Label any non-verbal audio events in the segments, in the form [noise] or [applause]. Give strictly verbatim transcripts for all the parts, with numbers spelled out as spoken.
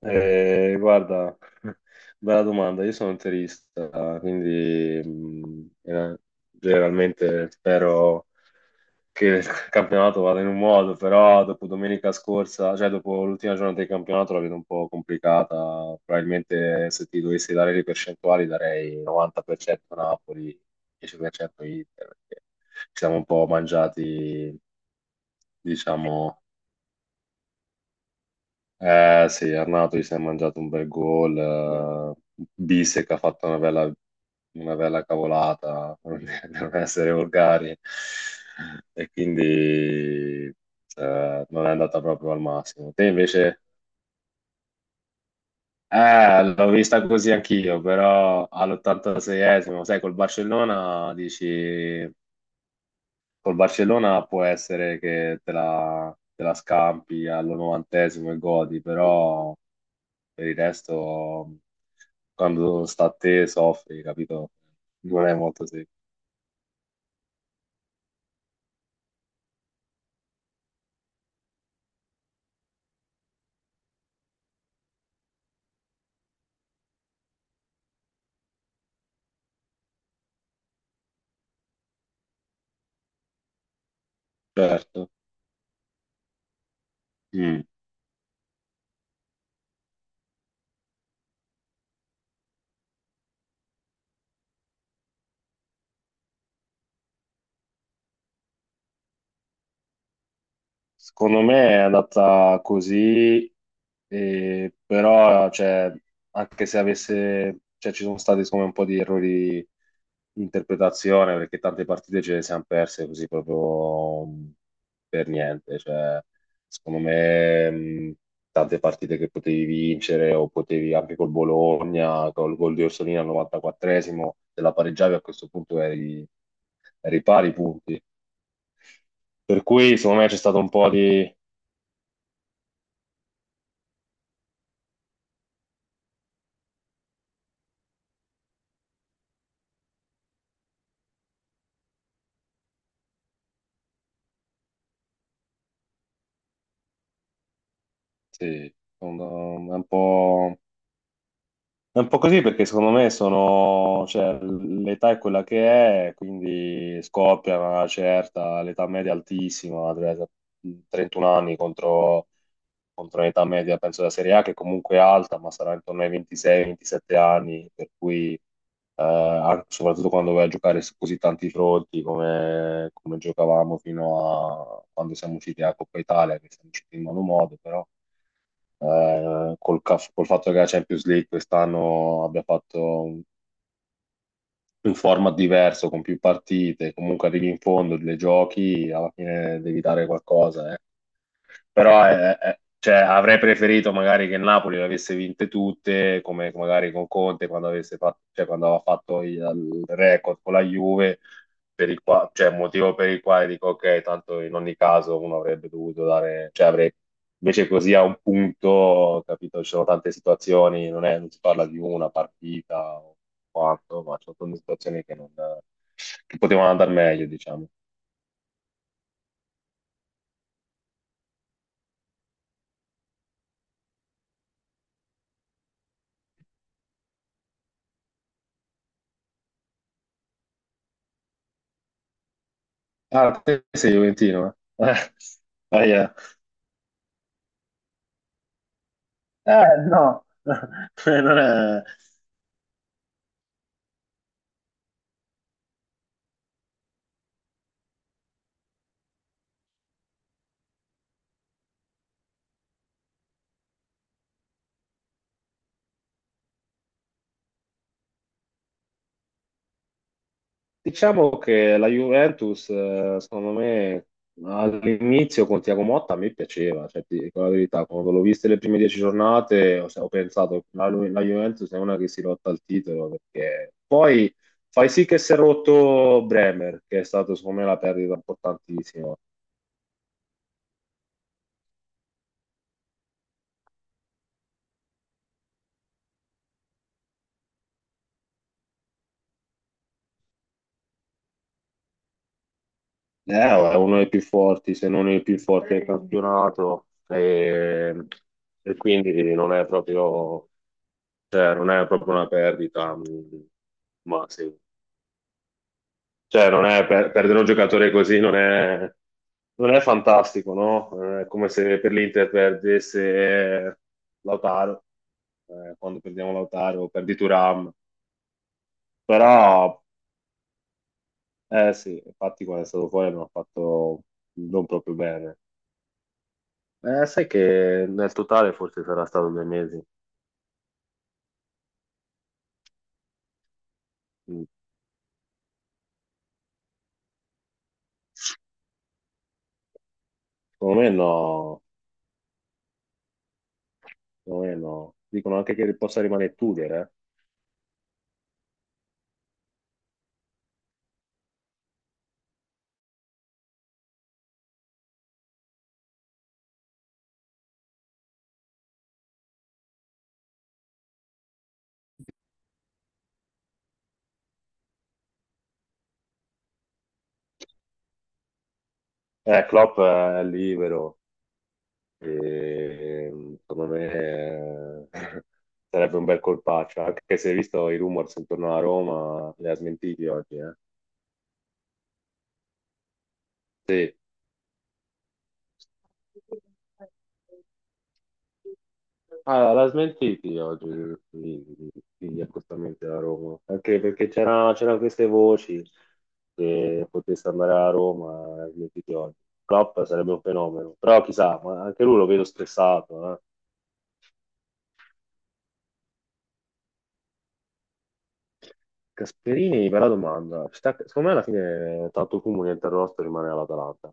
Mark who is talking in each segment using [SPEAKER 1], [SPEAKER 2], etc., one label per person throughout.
[SPEAKER 1] Eh, guarda, [laughs] bella domanda. Io sono interista, quindi mh, eh, generalmente spero che il [laughs] campionato vada in un modo, però dopo domenica scorsa, cioè dopo l'ultima giornata del campionato la vedo un po' complicata. Probabilmente se ti dovessi dare le percentuali darei novanta per cento Napoli, dieci per cento Inter, perché ci siamo un po' mangiati, Eh, diciamo, eh sì, Arnato si è mangiato un bel gol, eh, Bissek ha fatto una bella, una bella cavolata, [laughs] per non essere volgari, e quindi eh, non è andata proprio al massimo. Te invece, eh, l'ho vista così anch'io, però all'ottantaseiesimo, sai, col Barcellona dici, col Barcellona può essere che te la, te la scampi all'novantesimo e godi, però per il resto, quando sta a te soffri, capito? Non è molto semplice. Certo. Mm. Secondo me è andata così, e- però cioè, anche se avesse, cioè, ci sono stati secondo me, un po' di errori di interpretazione perché tante partite ce le siamo perse così proprio mh, per niente. Cioè, secondo me mh, tante partite che potevi vincere o potevi anche col Bologna, col gol di Orsolini al novantaquattresimo, se la pareggiavi a questo punto eri, eri pari punti. Per cui secondo me c'è stato un po' di. Sì, sono un po', è un po' così perché secondo me sono, cioè, l'età è quella che è, quindi scoppia una certa, l'età media è altissima, tre- trentuno anni contro, contro l'età media, penso della Serie A che comunque è alta, ma sarà intorno ai ventisei ventisette anni, per cui eh, anche- soprattutto quando vai a giocare su così tanti fronti come, come giocavamo fino a quando siamo usciti a Coppa Italia, che siamo usciti in malo modo, però eh, col, ca- col fatto che la Champions League quest'anno abbia fatto un, un format diverso, con più partite, comunque arrivi in fondo, le giochi, alla fine devi dare qualcosa, eh però è- è- cioè, avrei preferito magari che il Napoli le avesse vinte tutte, come come magari con Conte quando, avesse fatto, cioè, quando aveva fatto il, il record con la Juve, per il qua- cioè, motivo per il quale dico ok, tanto in ogni caso uno avrebbe dovuto dare, cioè avrei, invece così a un punto, capito, ci sono tante situazioni, non è- non si parla di una partita o quanto, ma ci sono tante situazioni che, non, che potevano andare meglio, diciamo. Ah, te sei Juventino, eh? [laughs] Ah, yeah. Eh, no, [laughs] non è- Diciamo che la Juventus, eh, secondo me, all'inizio con Tiago Motta mi piaceva, cioè, ti dico la verità, quando l'ho vista le prime dieci giornate ho, ho pensato la, Lu- la Juventus è una che si lotta al titolo, perché poi fai sì che si è rotto Bremer, che è stato secondo me la perdita importantissima. Eh, è uno dei più forti, se non il più forte del campionato, e, e quindi non è proprio. Cioè, non è proprio una perdita, mh, ma sì. Cioè, non è per- perdere un giocatore così non è, non è fantastico, no? Eh, È come se per l'Inter perdesse Lautaro, eh, quando perdiamo Lautaro, perdi Thuram. Però, eh sì, infatti quando è stato fuori non ha fatto, non proprio bene. Eh, sai che nel totale forse sarà stato due mesi. Mm. Secondo me no, secondo me no. Dicono anche che possa rimanere Tudor, eh. Eh, Klopp è libero, e, secondo me eh, [laughs] sarebbe un bel colpaccio, anche se hai visto i rumors intorno a Roma, li ha smentiti oggi, eh? Sì, ah, l'ha smentiti oggi gli gli accostamenti a Roma, anche perché c'era- c'erano queste voci che potesse andare a Roma, l'ha smentiti oggi. Klopp sarebbe un fenomeno, però chissà, ma anche lui lo vedo stressato, eh? Gasperini, bella domanda. Sta- secondo me alla fine tanto fumo niente arrosto rimane all'Atalanta.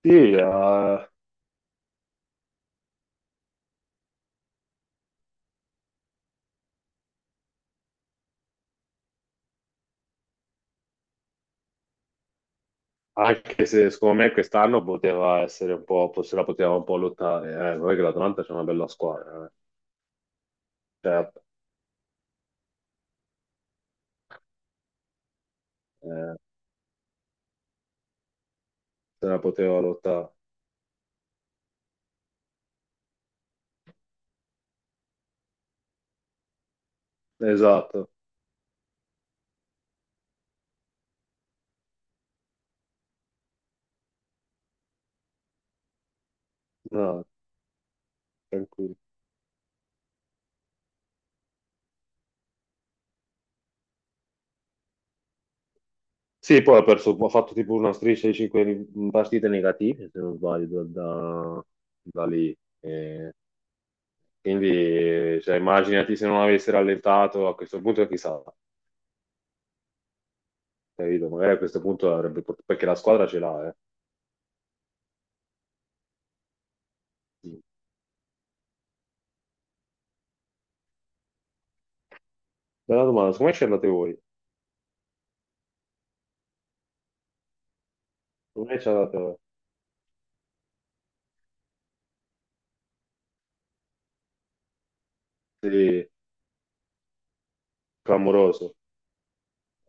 [SPEAKER 1] Sì, eh, anche se secondo me quest'anno poteva essere un po', se la poteva un po' lottare. Eh, non è che l'Atalanta c'è una bella squadra, eh. Cioè, eh, se la poteva lottare. Esatto, no, tranquillo. Sì, poi ha perso, ha fatto tipo una striscia di cinque partite negative, se non sbaglio, da, da lì. Eh, quindi, cioè, immaginati se non avesse rallentato a questo punto, chissà. Capito? Magari a questo punto avrebbe portato, perché la squadra ce l'ha, eh. Sì. Bella domanda, come ci andate voi? Come ci andate voi? Sì, clamoroso.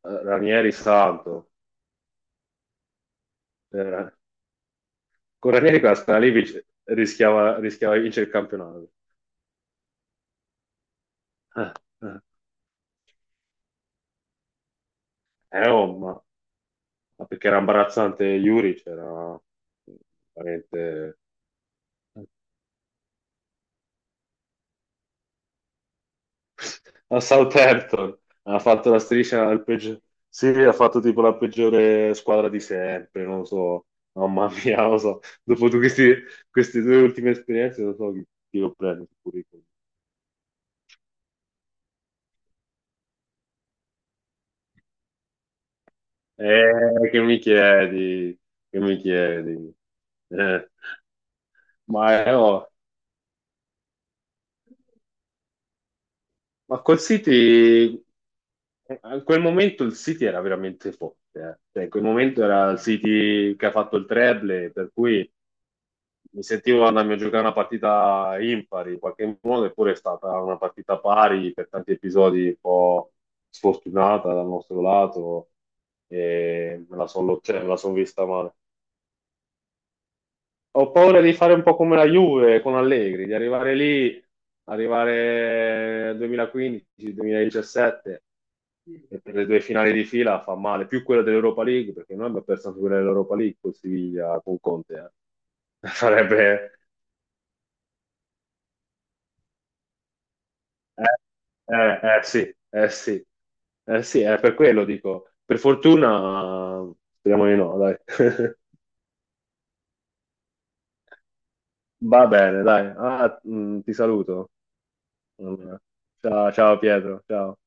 [SPEAKER 1] Eh, Ranieri santo. Eh, con Ranieri quella squadra lì vince- rischiava, rischiava di vincere il campionato. Eh, eh. Eh, oh, ma, ma perché era imbarazzante Juric, era veramente. A Southampton ha fatto la striscia al peggio- sì, ha fatto tipo la peggiore squadra di sempre, non lo so. Oh, mamma mia, non lo so, dopo tu- questi- queste due ultime esperienze non so chi, chi lo prende sul curriculum. Eh, che mi chiedi, che mi chiedi. Eh, ma, eh, oh, ma col City, a quel momento il City era veramente forte, eh. Cioè, in quel momento era il City che ha fatto il treble, per cui mi sentivo andarmi a giocare una partita impari in qualche modo, eppure è stata una partita pari per tanti episodi un po' sfortunata dal nostro lato e me la sono cioè, son vista male. Ho paura di fare un po' come la Juve con Allegri, di arrivare lì, arrivare duemilaquindici-duemiladiciassette e per le due finali di fila fa male, più quella dell'Europa League, perché noi abbiamo perso anche quella dell'Europa League con Siviglia, con Conte. eh. [laughs] Sarebbe. Eh, eh, eh, sì, eh sì, eh sì, è per quello dico. Per fortuna, speriamo di no, dai. [laughs] Va bene, dai. Ah, mh, ti saluto. Mm. Ciao, ciao Pietro, ciao.